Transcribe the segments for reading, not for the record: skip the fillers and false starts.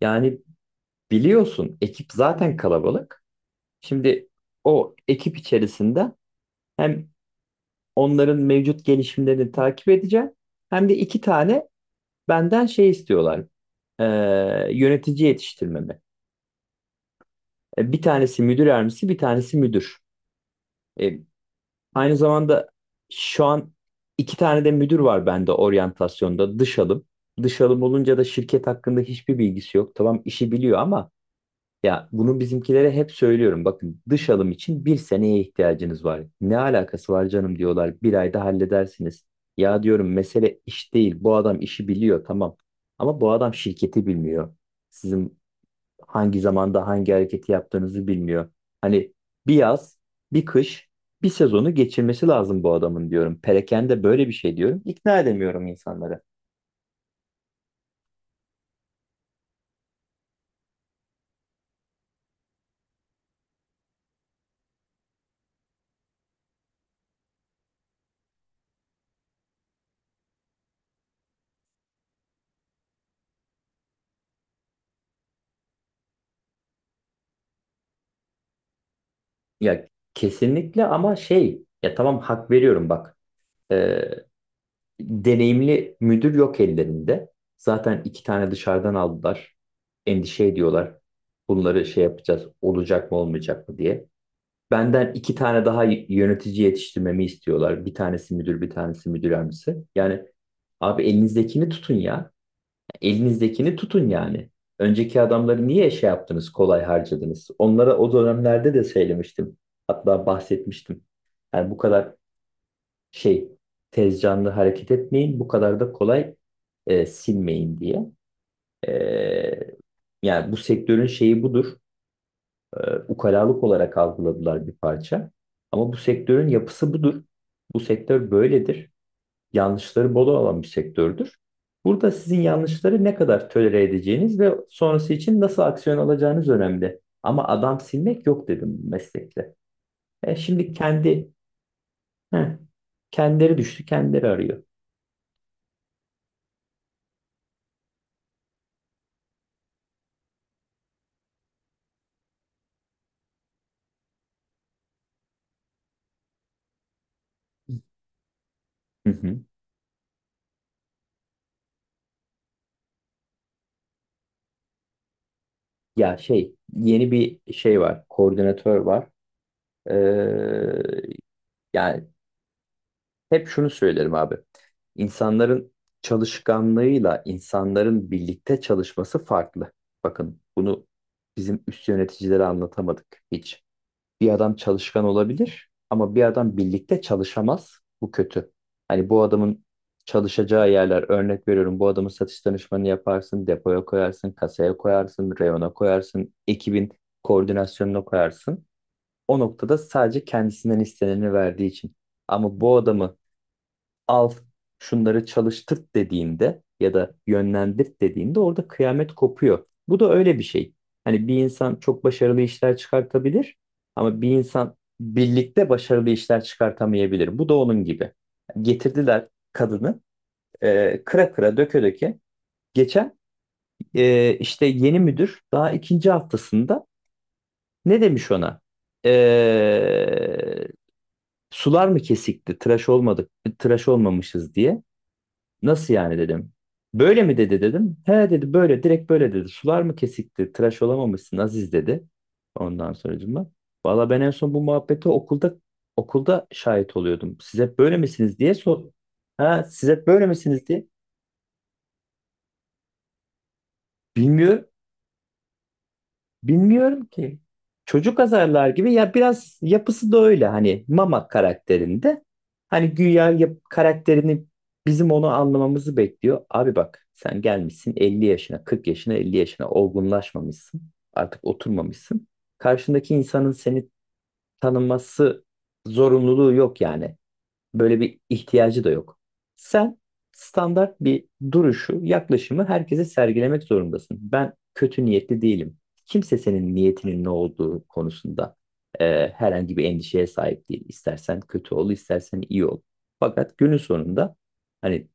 Yani biliyorsun ekip zaten kalabalık. Şimdi o ekip içerisinde hem onların mevcut gelişimlerini takip edeceğim hem de iki tane benden şey istiyorlar. Ee, Yönetici yetiştirmemi. Bir tanesi müdür yardımcısı, bir tanesi müdür. E, Aynı zamanda şu an iki tane de müdür var bende, oryantasyonda, dış alım. Dış alım olunca da şirket hakkında hiçbir bilgisi yok. Tamam, işi biliyor ama. Ya bunu bizimkilere hep söylüyorum. Bakın, dış alım için bir seneye ihtiyacınız var. Ne alakası var canım diyorlar. Bir ayda halledersiniz. Ya diyorum, mesele iş değil. Bu adam işi biliyor, tamam. Ama bu adam şirketi bilmiyor. Sizin hangi zamanda hangi hareketi yaptığınızı bilmiyor. Hani bir yaz, bir kış, bir sezonu geçirmesi lazım bu adamın diyorum. Perakende böyle bir şey diyorum. İkna edemiyorum insanları. Ya kesinlikle, ama şey ya tamam, hak veriyorum, bak. Ee, Deneyimli müdür yok ellerinde. Zaten iki tane dışarıdan aldılar. Endişe ediyorlar. Bunları şey yapacağız, olacak mı olmayacak mı diye. Benden iki tane daha yönetici yetiştirmemi istiyorlar. Bir tanesi müdür, bir tanesi müdür yardımcısı. Yani abi, elinizdekini tutun ya. Elinizdekini tutun yani. Önceki adamları niye şey yaptınız, kolay harcadınız? Onlara o dönemlerde de söylemiştim. Hatta bahsetmiştim. Yani bu kadar şey, tez canlı hareket etmeyin, bu kadar da kolay silmeyin diye. E, Yani bu sektörün şeyi budur. E, Ukalalık olarak algıladılar bir parça. Ama bu sektörün yapısı budur. Bu sektör böyledir. Yanlışları bol olan bir sektördür. Burada sizin yanlışları ne kadar tolere edeceğiniz ve sonrası için nasıl aksiyon alacağınız önemli. Ama adam silmek yok dedim meslekte. Şimdi heh, kendileri düştü, kendileri arıyor. Hı hı. Ya şey, yeni bir şey var, koordinatör var. Ee, Yani hep şunu söylerim abi, insanların çalışkanlığıyla insanların birlikte çalışması farklı. Bakın, bunu bizim üst yöneticilere anlatamadık hiç. Bir adam çalışkan olabilir ama bir adam birlikte çalışamaz. Bu kötü. Hani bu adamın çalışacağı yerler, örnek veriyorum. Bu adamın satış danışmanı yaparsın, depoya koyarsın, kasaya koyarsın, reyona koyarsın, ekibin koordinasyonuna koyarsın. O noktada, sadece kendisinden isteneni verdiği için. Ama bu adamı al, şunları çalıştırt dediğinde ya da yönlendirt dediğinde orada kıyamet kopuyor. Bu da öyle bir şey. Hani bir insan çok başarılı işler çıkartabilir ama bir insan birlikte başarılı işler çıkartamayabilir. Bu da onun gibi. Getirdiler kadını kıra kıra, döke döke. Geçen işte yeni müdür, daha ikinci haftasında, ne demiş ona? E, Sular mı kesikti, tıraş olmadık, tıraş olmamışız diye. Nasıl yani dedim. Böyle mi dedi dedim. He dedi, böyle direkt böyle dedi. Sular mı kesikti? Tıraş olamamışsın Aziz dedi. Ondan sonracığıma. Valla ben en son bu muhabbete okulda okulda şahit oluyordum. Siz hep böyle misiniz diye sor. Ha, siz hep böyle misiniz diye. Bilmiyorum. Bilmiyorum ki. Çocuk azarlar gibi ya, biraz yapısı da öyle hani, Mama karakterinde. Hani güya yap karakterini bizim onu anlamamızı bekliyor. Abi bak, sen gelmişsin 50 yaşına, 40 yaşına, 50 yaşına, olgunlaşmamışsın. Artık oturmamışsın. Karşındaki insanın seni tanıması zorunluluğu yok yani. Böyle bir ihtiyacı da yok. Sen standart bir duruşu, yaklaşımı herkese sergilemek zorundasın. Ben kötü niyetli değilim. Kimse senin niyetinin ne olduğu konusunda herhangi bir endişeye sahip değil. İstersen kötü ol, istersen iyi ol. Fakat günün sonunda hani,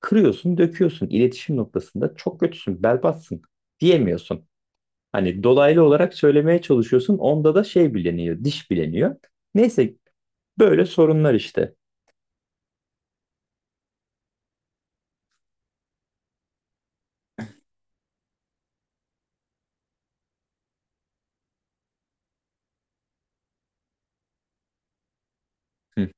kırıyorsun, döküyorsun. İletişim noktasında çok kötüsün, berbatsın diyemiyorsun. Hani dolaylı olarak söylemeye çalışıyorsun. Onda da şey bileniyor, diş bileniyor. Neyse, böyle sorunlar işte. Hı.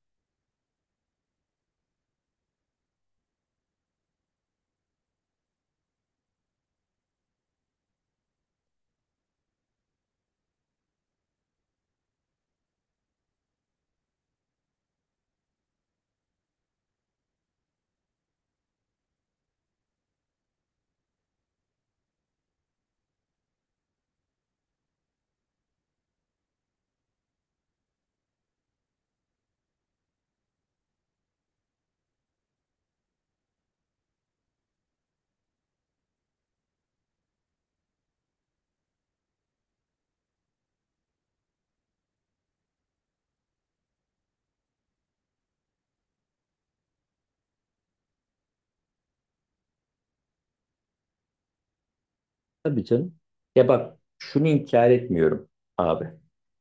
Tabii canım. Ya bak, şunu inkar etmiyorum abi.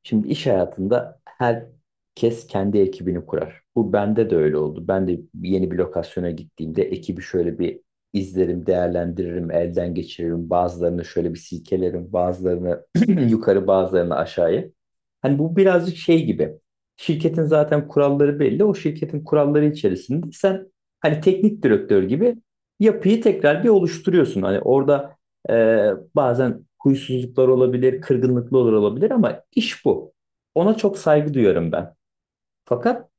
Şimdi iş hayatında herkes kendi ekibini kurar. Bu bende de öyle oldu. Ben de yeni bir lokasyona gittiğimde ekibi şöyle bir izlerim, değerlendiririm, elden geçiririm. Bazılarını şöyle bir silkelerim, bazılarını yukarı, bazılarını aşağıya. Hani bu birazcık şey gibi. Şirketin zaten kuralları belli. O şirketin kuralları içerisinde sen hani teknik direktör gibi yapıyı tekrar bir oluşturuyorsun. Hani orada ee, bazen huysuzluklar olabilir, kırgınlıklar olabilir ama iş bu. Ona çok saygı duyuyorum ben. Fakat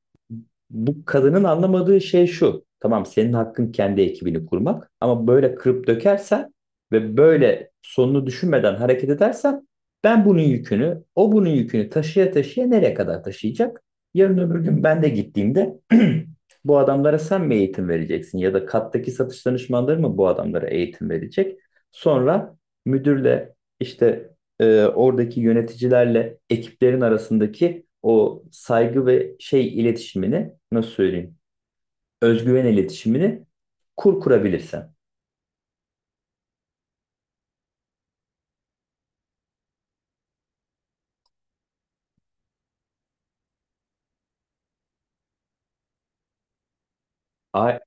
bu kadının anlamadığı şey şu. Tamam, senin hakkın kendi ekibini kurmak, ama böyle kırıp dökersen ve böyle sonunu düşünmeden hareket edersen, ben bunun yükünü, o bunun yükünü taşıya taşıya nereye kadar taşıyacak? Yarın öbür gün ben de gittiğimde bu adamlara sen mi eğitim vereceksin ya da kattaki satış danışmanları mı bu adamlara eğitim verecek? Sonra müdürle işte oradaki yöneticilerle ekiplerin arasındaki o saygı ve şey, iletişimini nasıl söyleyeyim? Özgüven iletişimini kurabilirsen. Ay,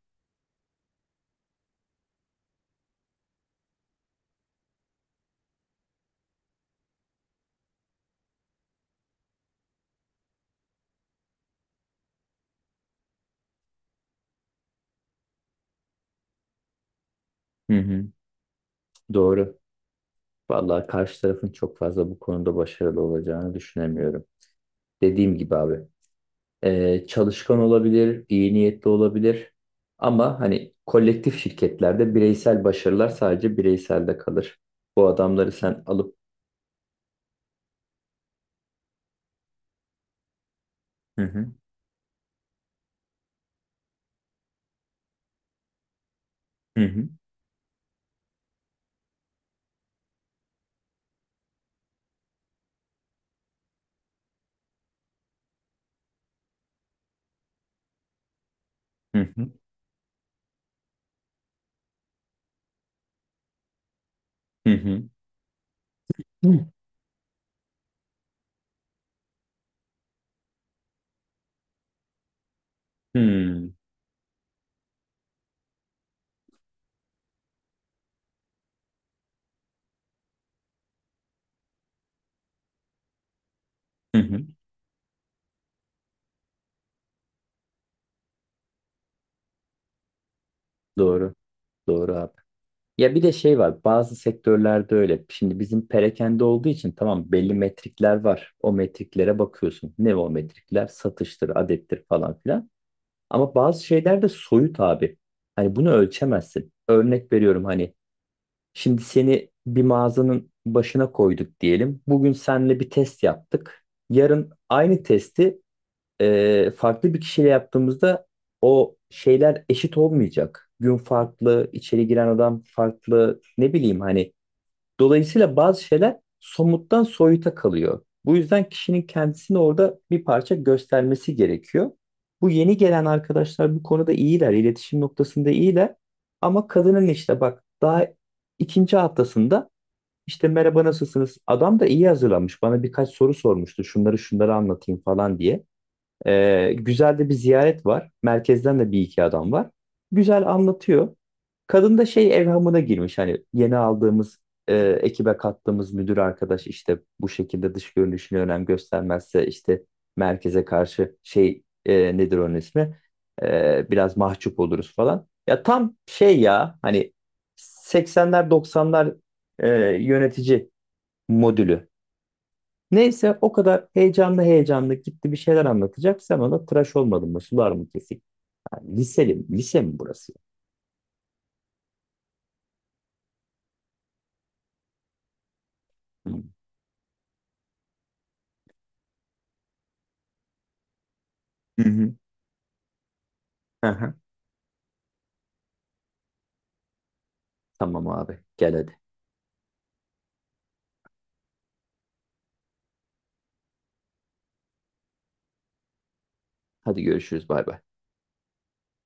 hı hı, doğru. Vallahi karşı tarafın çok fazla bu konuda başarılı olacağını düşünemiyorum. Dediğim gibi abi. Çalışkan olabilir, iyi niyetli olabilir. Ama hani kolektif şirketlerde bireysel başarılar sadece bireyselde kalır. Bu adamları sen alıp. Hı hı, hı hı, hı hı, hı hı. Hmm. Hı hı. Doğru. Doğru abi. Ya bir de şey var. Bazı sektörlerde öyle. Şimdi bizim perakende olduğu için tamam, belli metrikler var. O metriklere bakıyorsun. Ne o metrikler? Satıştır, adettir, falan filan. Ama bazı şeyler de soyut abi. Hani bunu ölçemezsin. Örnek veriyorum hani, şimdi seni bir mağazanın başına koyduk diyelim. Bugün seninle bir test yaptık. Yarın aynı testi farklı bir kişiyle yaptığımızda o şeyler eşit olmayacak. Gün farklı, içeri giren adam farklı, ne bileyim hani. Dolayısıyla bazı şeyler somuttan soyuta kalıyor. Bu yüzden kişinin kendisini orada bir parça göstermesi gerekiyor. Bu yeni gelen arkadaşlar bu konuda iyiler, iletişim noktasında iyiler. Ama kadının işte bak, daha ikinci haftasında, işte merhaba nasılsınız? Adam da iyi hazırlanmış. Bana birkaç soru sormuştu. Şunları şunları anlatayım falan diye. Güzel de bir ziyaret var. Merkezden de bir iki adam var. Güzel anlatıyor. Kadın da şey, evhamına girmiş. Hani yeni aldığımız, ekibe kattığımız müdür arkadaş işte bu şekilde dış görünüşüne önem göstermezse işte merkeze karşı şey, nedir onun ismi? Biraz mahcup oluruz falan. Ya tam şey ya hani, 80'ler, 90'lar e, yönetici modülü. Neyse o kadar heyecanlı heyecanlı gitti bir şeyler anlatacak. Sen ona tıraş olmadın mı? Sular mı kesik? Ha, liseli mi? Lise mi burası? Hı. Hı hı. Aha. Tamam abi, gel hadi. Hadi görüşürüz, bay bay.